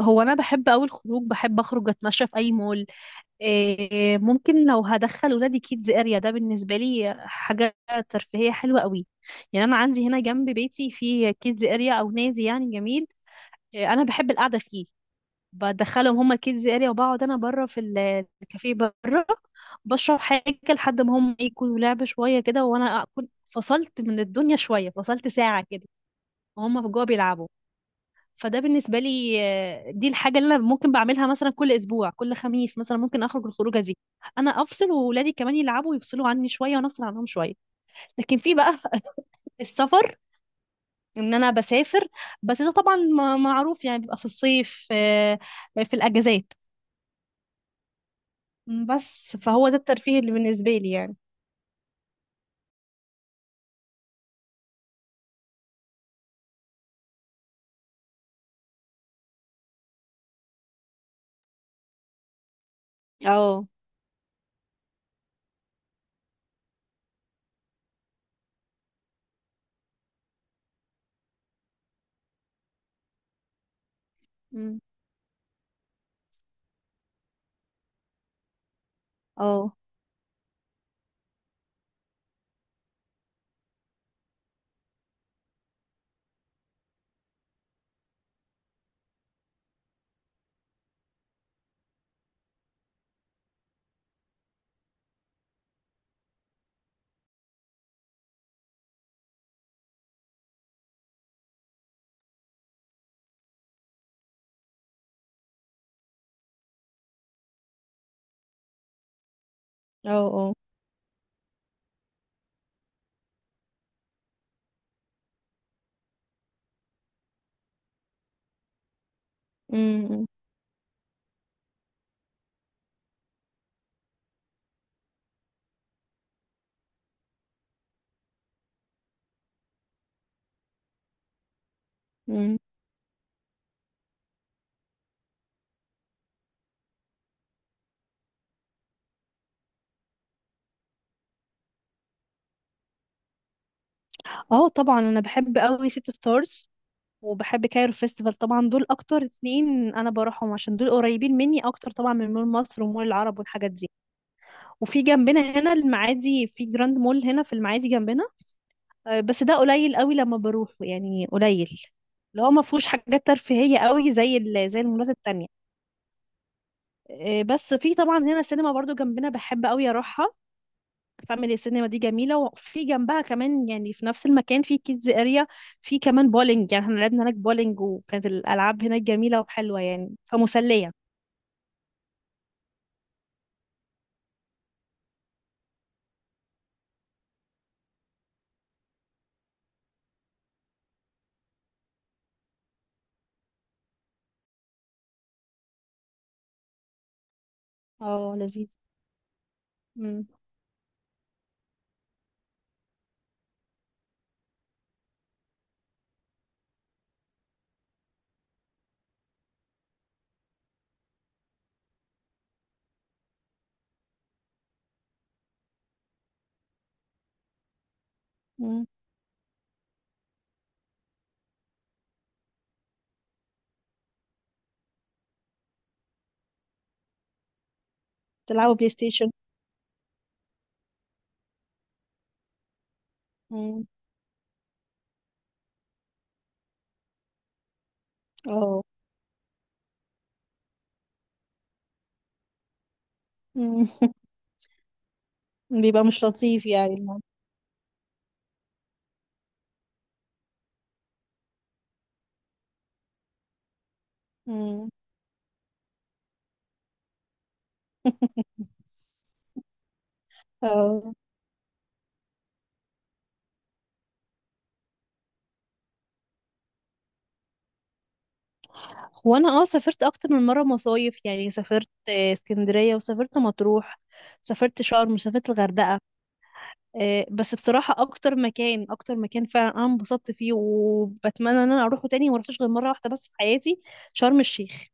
هو انا بحب اوي الخروج. بحب اخرج اتمشى في اي مول. إيه، ممكن لو هدخل ولادي كيدز اريا ده بالنسبه لي حاجه ترفيهيه حلوه قوي. يعني انا عندي هنا جنب بيتي في كيدز اريا او نادي يعني جميل. إيه، انا بحب القعده فيه. بدخلهم هما الكيدز اريا وبقعد انا بره في الكافيه بره. بشرب حاجه لحد ما هم يكونوا لعبه شويه كده، وانا اكون فصلت من الدنيا شويه، فصلت ساعه كده وهم جوه بيلعبوا. فده بالنسبة لي. دي الحاجة اللي أنا ممكن بعملها مثلا كل أسبوع، كل خميس مثلا ممكن أخرج الخروجة دي. أنا أفصل وولادي كمان يلعبوا ويفصلوا عني شوية وأنا أفصل عنهم شوية. لكن في بقى السفر، إن أنا بسافر. بس ده طبعا معروف يعني بيبقى في الصيف، في الأجازات. بس فهو ده الترفيه اللي بالنسبة لي يعني. اه. مم. اه، اه، اه. أمم. أمم. اه، طبعا انا بحب قوي ست ستارز وبحب كايرو فيستيفال. طبعا دول اكتر اتنين انا بروحهم عشان دول قريبين مني اكتر، طبعا من مول مصر ومول العرب والحاجات دي. وفي جنبنا هنا المعادي في جراند مول هنا في المعادي جنبنا. بس ده قليل قوي لما بروحه يعني، قليل. اللي هو ما فيهوش حاجات ترفيهية قوي زي زي المولات التانية. بس في طبعا هنا سينما برضو جنبنا بحب قوي اروحها. فاميلي سينما دي جميله، وفي جنبها كمان يعني في نفس المكان في كيدز اريا. في كمان بولينج، يعني احنا لعبنا هناك بولينج، وكانت الالعاب هناك جميله وحلوه يعني، فمسليه. اه، لذيذ. مم. مم. تلعبوا بلاي ستيشن. مم. اه. مم. بيبقى مش لطيف يعني الموضوع. مم. اه. هو انا سافرت اكتر من مره مصايف، يعني سافرت اسكندريه، وسافرت مطروح. سافرت شرم وسافرت الغردقه. بس بصراحة أكتر مكان، أكتر مكان فعلا أنا انبسطت فيه وبتمنى إن أنا أروحه تاني، وما رحتش غير مرة واحدة بس في حياتي. شرم الشيخ.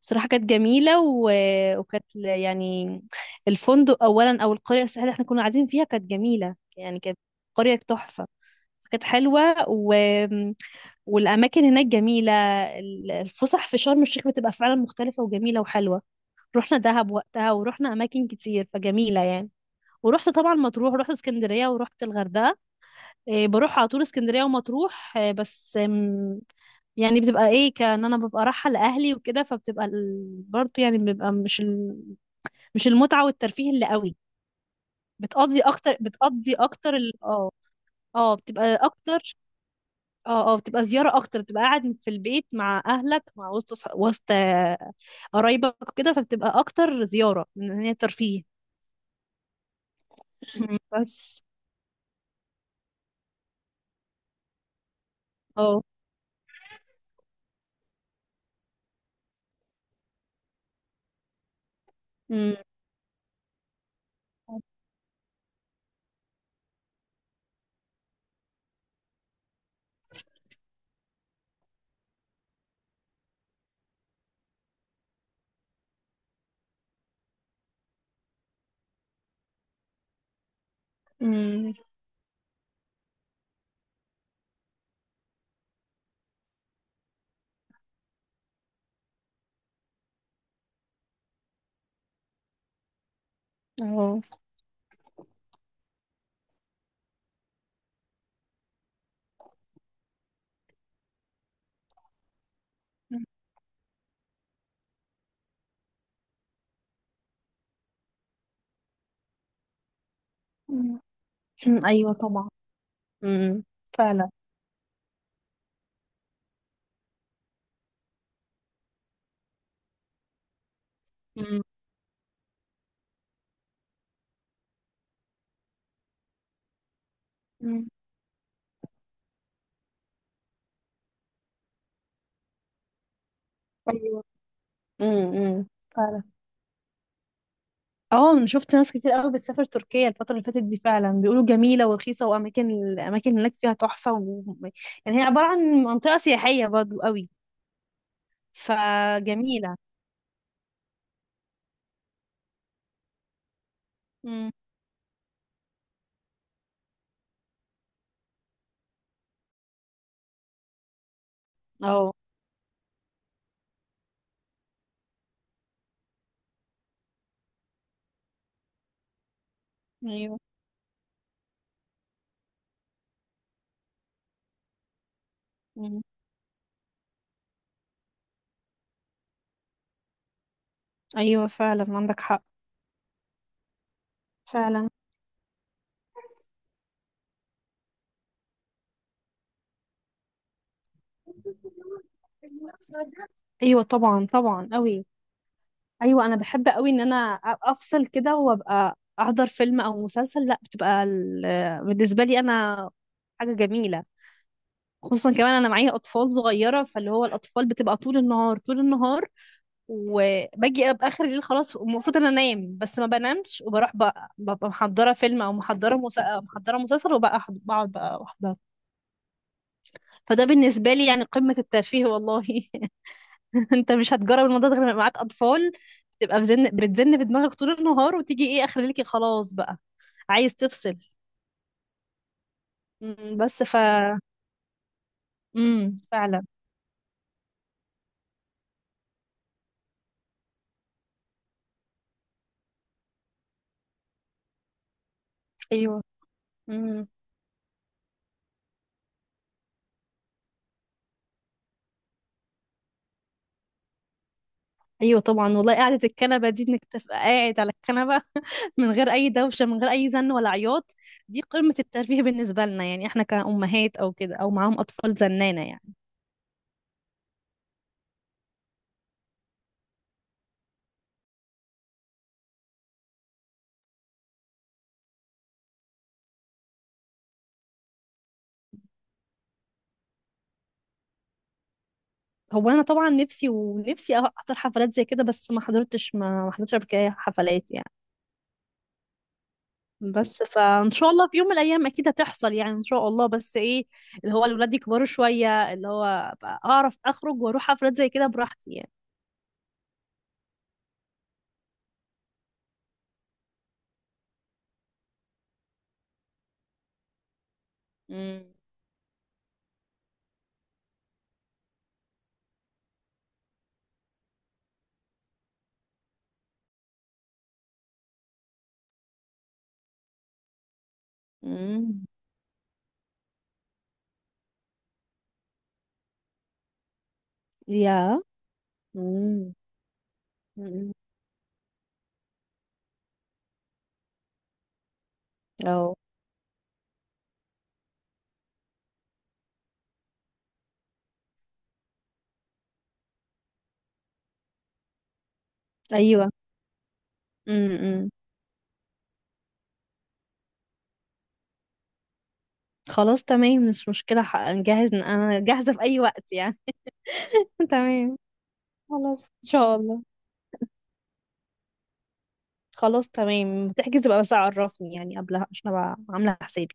بصراحة كانت جميلة، و... وكانت يعني الفندق أولا أو القرية الساحلية اللي احنا كنا قاعدين فيها كانت جميلة، يعني كانت قرية تحفة. كانت حلوة، و... والأماكن هناك جميلة. الفسح في شرم الشيخ بتبقى فعلا مختلفة وجميلة وحلوة. رحنا دهب وقتها، ورحنا أماكن كتير، فجميلة يعني. ورحت طبعا مطروح، ورحت اسكندرية، ورحت الغردقة. إيه، بروح على طول اسكندرية ومطروح إيه، بس يعني بتبقى ايه، كأن انا ببقى رايحة لأهلي وكده، فبتبقى برضه يعني بيبقى مش مش المتعة والترفيه اللي قوي. بتقضي اكتر، بتقضي اكتر اه. اه، بتبقى اكتر. اه، اه، بتبقى زيارة اكتر، بتبقى قاعد في البيت مع اهلك مع وسط وسط قرايبك وكده، فبتبقى اكتر زيارة من ان هي ترفيه. مم، بس اه. أمم. أمم. اه. أمم. ايوه طبعا. امم. فعلا. مم. امم. ايوه. امم. فعلا. اه، انا شفت ناس كتير قوي بتسافر تركيا الفترة اللي فاتت دي. فعلا بيقولوا جميلة ورخيصة، واماكن الاماكن هناك فيها تحفة. و... يعني هي عبارة عن منطقة سياحية برضو قوي، فجميلة. امم. اه. ايوه. امم. ايوه، فعلا عندك حق. فعلا. ايوه طبعا، طبعا قوي. ايوه، انا بحب قوي ان انا افصل كده، وابقى احضر فيلم او مسلسل. لا، بتبقى بالنسبه لي انا حاجه جميله. خصوصا كمان انا معايا اطفال صغيره، فاللي هو الاطفال بتبقى طول النهار، طول النهار. وباجي ابقى اخر الليل خلاص المفروض انا انام، بس ما بنامش، وبروح بقى ببقى محضره فيلم او محضره مسلسل، وبقى بقعد بقى احضر. فده بالنسبه لي يعني قمه الترفيه والله. انت مش هتجرب الموضوع ده غير لما يبقى معاك اطفال. بتبقى بتزن بدماغك طول النهار، وتيجي ايه اخر ليكي خلاص بقى عايز تفصل. مم، بس ف. امم. فعلا. ايوه. امم. ايوه طبعا والله، قعده الكنبه دي، انك تبقى قاعد على الكنبه من غير اي دوشه، من غير اي زن ولا عياط. دي قمه الترفيه بالنسبه لنا، يعني احنا كامهات او كده، او معاهم اطفال زنانه يعني. هو انا طبعا نفسي ونفسي احضر حفلات زي كده، بس ما حضرتش قبل كده حفلات يعني. بس فان شاء الله في يوم من الايام اكيد هتحصل يعني ان شاء الله، بس ايه اللي هو الولاد يكبروا شويه، اللي هو أبقى اعرف اخرج واروح حفلات زي كده براحتي يعني. امم. امم. يا امم. أمم. أو ايوه. امم. خلاص تمام مش مشكله، نجهز، انا جاهزه في اي وقت يعني. تمام. خلاص ان شاء الله. خلاص تمام، تحجز بقى بس عرفني يعني قبلها عشان ابقى عامله حسابي.